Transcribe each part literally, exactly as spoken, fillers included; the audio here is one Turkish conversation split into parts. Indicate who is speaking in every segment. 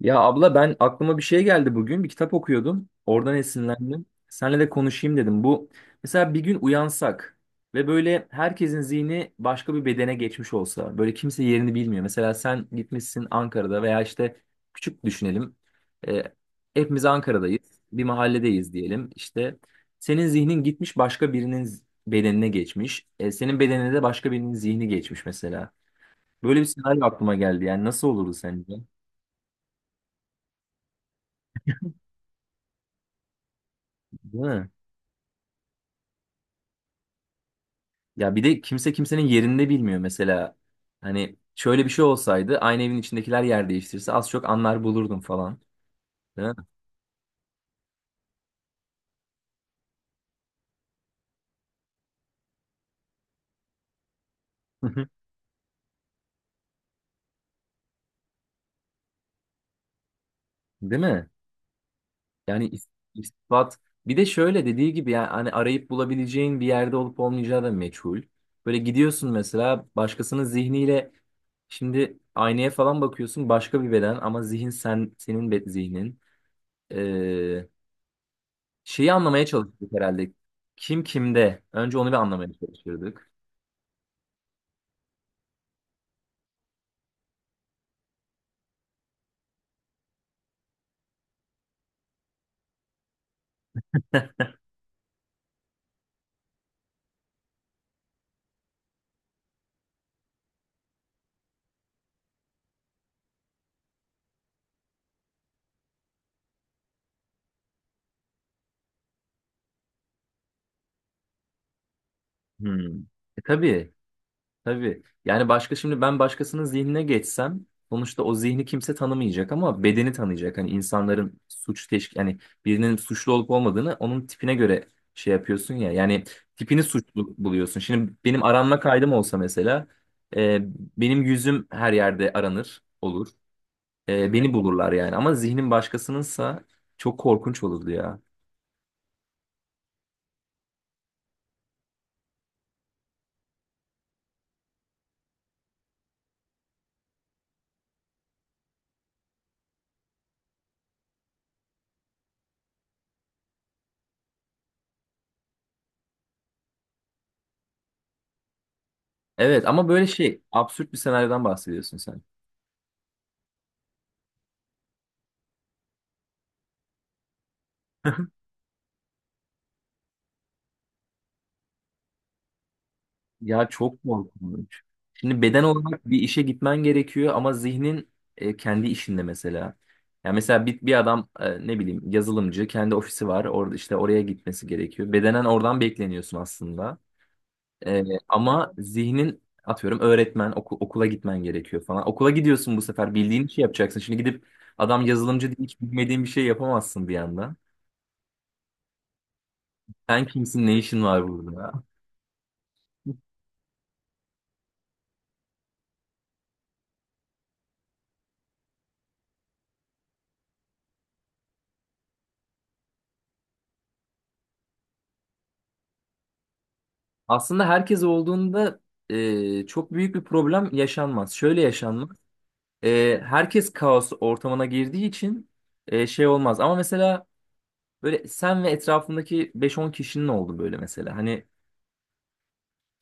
Speaker 1: Ya abla ben aklıma bir şey geldi bugün. Bir kitap okuyordum. Oradan esinlendim. Seninle de konuşayım dedim. Bu mesela bir gün uyansak ve böyle herkesin zihni başka bir bedene geçmiş olsa. Böyle kimse yerini bilmiyor. Mesela sen gitmişsin Ankara'da veya işte küçük düşünelim. Ee, Hepimiz Ankara'dayız. Bir mahalledeyiz diyelim. İşte senin zihnin gitmiş başka birinin z- bedenine geçmiş. Ee, senin bedenine de başka birinin zihni geçmiş mesela. Böyle bir senaryo aklıma geldi. Yani nasıl olurdu sence? Değil mi? Ya bir de kimse kimsenin yerinde bilmiyor mesela. Hani şöyle bir şey olsaydı aynı evin içindekiler yer değiştirse az çok anlar bulurdum falan. Değil mi? Hı hı. Değil mi? Yani is- ispat bir de şöyle dediği gibi yani hani arayıp bulabileceğin bir yerde olup olmayacağı da meçhul. Böyle gidiyorsun mesela başkasının zihniyle şimdi aynaya falan bakıyorsun başka bir beden ama zihin sen senin be- zihnin. Ee, Şeyi anlamaya çalışıyorduk herhalde. Kim kimde? Önce onu bir anlamaya çalışıyorduk. Hmm. E, tabii, tabii. Yani başka şimdi ben başkasının zihnine geçsem sonuçta o zihni kimse tanımayacak ama bedeni tanıyacak. Hani insanların suç teşkil yani birinin suçlu olup olmadığını onun tipine göre şey yapıyorsun ya. Yani tipini suçlu buluyorsun. Şimdi benim aranma kaydım olsa mesela e, benim yüzüm her yerde aranır olur. E, beni bulurlar yani ama zihnin başkasınınsa çok korkunç olurdu ya. Evet ama böyle şey absürt bir senaryodan bahsediyorsun sen. Ya çok korkunç. Şimdi beden olarak bir işe gitmen gerekiyor ama zihnin e, kendi işinde mesela. Yani mesela bir, bir adam, e, ne bileyim, yazılımcı, kendi ofisi var orada işte oraya gitmesi gerekiyor. Bedenen oradan bekleniyorsun aslında. E, Ama zihnin atıyorum öğretmen, oku- okula gitmen gerekiyor falan. Okula gidiyorsun bu sefer bildiğin işi yapacaksın. Şimdi gidip adam yazılımcı diye hiç bilmediğin bir şey yapamazsın bir anda. Sen kimsin, ne işin var burada? Aslında herkes olduğunda e, çok büyük bir problem yaşanmaz. Şöyle yaşanmaz. E, herkes kaos ortamına girdiği için e, şey olmaz. Ama mesela böyle sen ve etrafındaki beş on kişinin oldu böyle mesela. Hani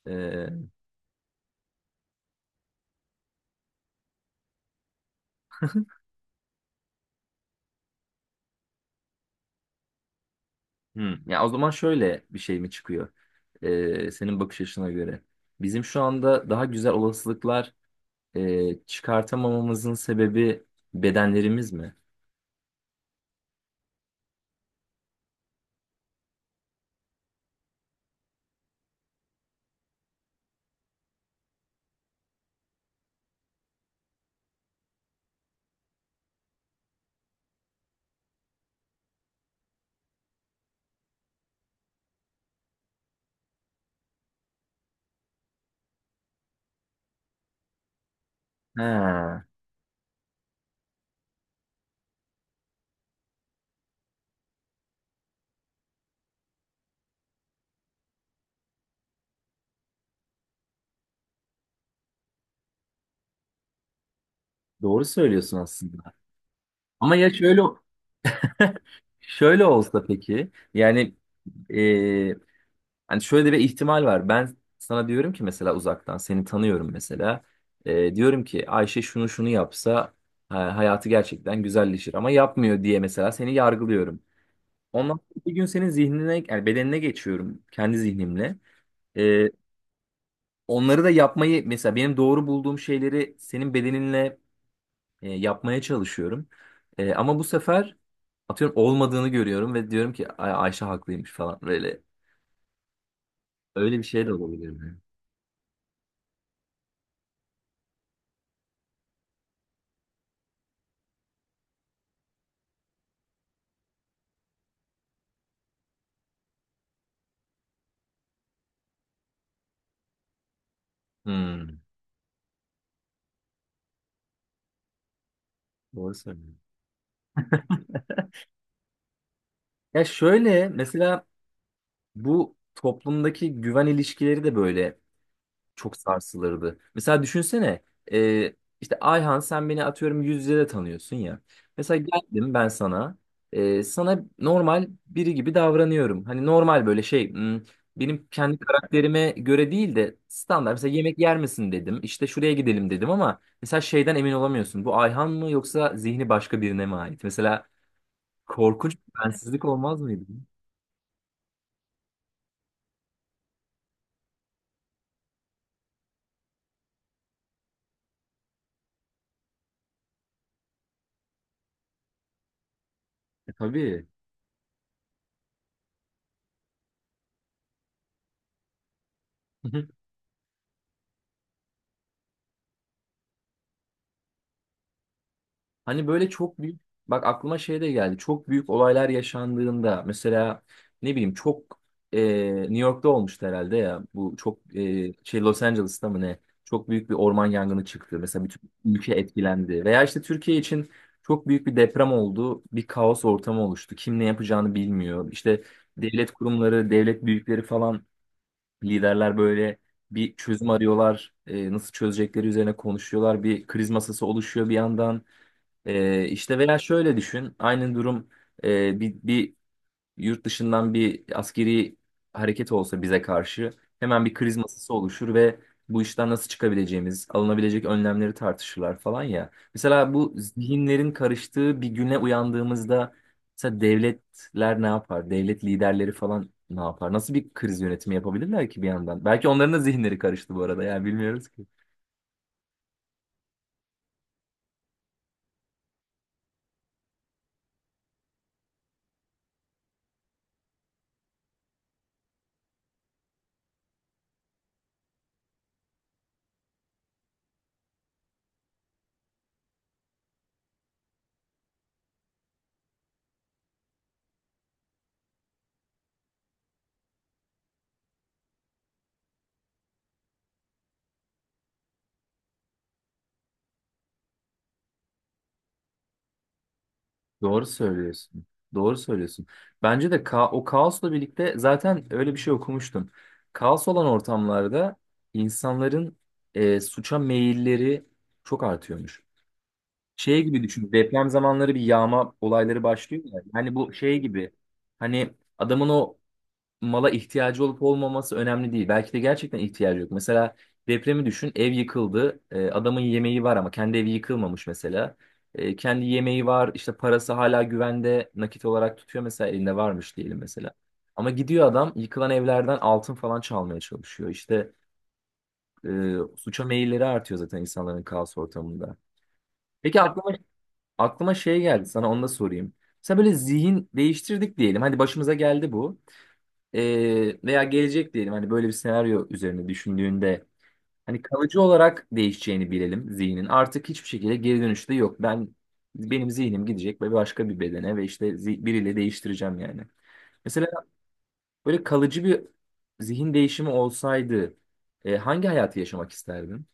Speaker 1: e, hmm, ya o zaman şöyle bir şey mi çıkıyor? E, senin bakış açına göre. Bizim şu anda daha güzel olasılıklar e, çıkartamamamızın sebebi bedenlerimiz mi? Ha, doğru söylüyorsun aslında. Ama ya şöyle şöyle olsa peki yani, e, hani şöyle bir ihtimal var. Ben sana diyorum ki mesela uzaktan seni tanıyorum mesela. E, diyorum ki Ayşe şunu şunu yapsa ha- hayatı gerçekten güzelleşir ama yapmıyor diye mesela seni yargılıyorum. Ondan sonra bir gün senin zihnine yani bedenine geçiyorum kendi zihnimle. E, Onları da yapmayı mesela benim doğru bulduğum şeyleri senin bedeninle e, yapmaya çalışıyorum. E, ama bu sefer atıyorum olmadığını görüyorum ve diyorum ki Ay Ayşe haklıymış falan böyle. Öyle bir şey de olabilir mi? Hmm, doğru söylüyorsun. Ya şöyle mesela bu toplumdaki güven ilişkileri de böyle çok sarsılırdı. Mesela düşünsene, e, işte Ayhan sen beni atıyorum yüz yüze de tanıyorsun ya. Mesela geldim ben sana, e, sana normal biri gibi davranıyorum. Hani normal böyle şey, hmm, benim kendi karakterime göre değil de standart. Mesela yemek yer misin dedim işte şuraya gidelim dedim ama mesela şeyden emin olamıyorsun. Bu Ayhan mı yoksa zihni başka birine mi ait? Mesela korkunç bir bensizlik olmaz mıydı? E, tabii. Hani böyle çok büyük, bak aklıma şey de geldi. Çok büyük olaylar yaşandığında mesela ne bileyim çok e, New York'ta olmuştu herhalde ya. Bu çok e, şey Los Angeles'ta mı ne? Çok büyük bir orman yangını çıktı. Mesela bütün ülke etkilendi. Veya işte Türkiye için çok büyük bir deprem oldu. Bir kaos ortamı oluştu. Kim ne yapacağını bilmiyor. İşte devlet kurumları, devlet büyükleri falan, liderler böyle bir çözüm arıyorlar. E, nasıl çözecekleri üzerine konuşuyorlar. Bir kriz masası oluşuyor bir yandan. Ee, işte veya şöyle düşün, aynı durum, e, bir, bir yurt dışından bir askeri hareket olsa bize karşı, hemen bir kriz masası oluşur ve bu işten nasıl çıkabileceğimiz, alınabilecek önlemleri tartışırlar falan ya. Mesela bu zihinlerin karıştığı bir güne uyandığımızda mesela devletler ne yapar, devlet liderleri falan ne yapar, nasıl bir kriz yönetimi yapabilirler ki bir yandan? Belki onların da zihinleri karıştı bu arada yani bilmiyoruz ki. Doğru söylüyorsun. Doğru söylüyorsun. Bence de ka o kaosla birlikte zaten öyle bir şey okumuştum. Kaos olan ortamlarda insanların e, suça meyilleri çok artıyormuş. Şey gibi düşün. Deprem zamanları bir yağma olayları başlıyor ya. Yani bu şey gibi. Hani adamın o mala ihtiyacı olup olmaması önemli değil. Belki de gerçekten ihtiyacı yok. Mesela depremi düşün, ev yıkıldı. E, adamın yemeği var ama kendi evi yıkılmamış mesela. E, kendi yemeği var, işte parası hala güvende nakit olarak tutuyor mesela elinde varmış diyelim mesela. Ama gidiyor adam yıkılan evlerden altın falan çalmaya çalışıyor. İşte e, Suça meyilleri artıyor zaten insanların kaos ortamında. Peki aklıma aklıma şey geldi, sana onu da sorayım. Mesela böyle zihin değiştirdik diyelim. Hadi başımıza geldi bu. Ee, veya gelecek diyelim, hani böyle bir senaryo üzerine düşündüğünde hani kalıcı olarak değişeceğini bilelim zihnin. Artık hiçbir şekilde geri dönüşü de yok. Ben benim zihnim gidecek ve başka bir bedene ve işte zi- biriyle değiştireceğim yani. Mesela böyle kalıcı bir zihin değişimi olsaydı e, hangi hayatı yaşamak isterdin?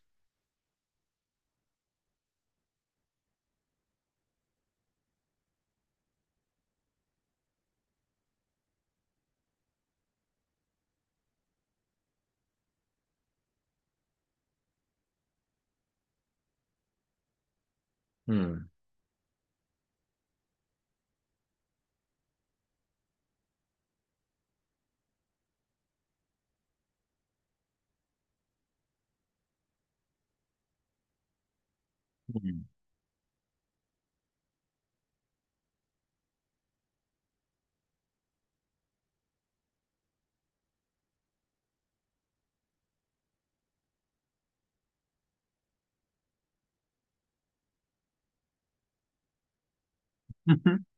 Speaker 1: Hmm. Hmm.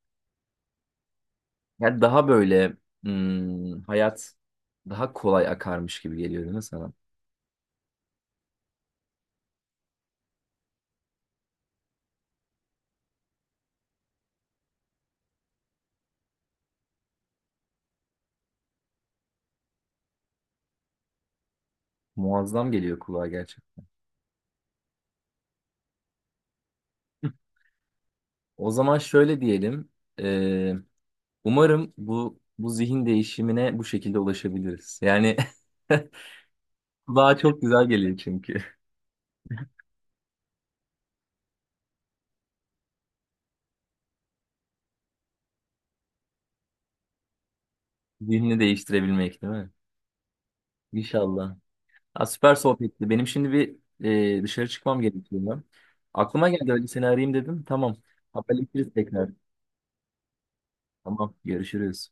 Speaker 1: Yani daha böyle, hmm, hayat daha kolay akarmış gibi geliyor değil mi sana? Muazzam geliyor kulağa gerçekten. O zaman şöyle diyelim. Umarım bu bu zihin değişimine bu şekilde ulaşabiliriz. Yani daha çok güzel geliyor çünkü. Zihnini değiştirebilmek değil mi? İnşallah. Ha, süper sohbetti. Benim şimdi bir, e, dışarı çıkmam gerekiyor. Aklıma geldi öyle seni arayayım dedim. Tamam. Haberleşiriz tekrar. Tamam. Görüşürüz.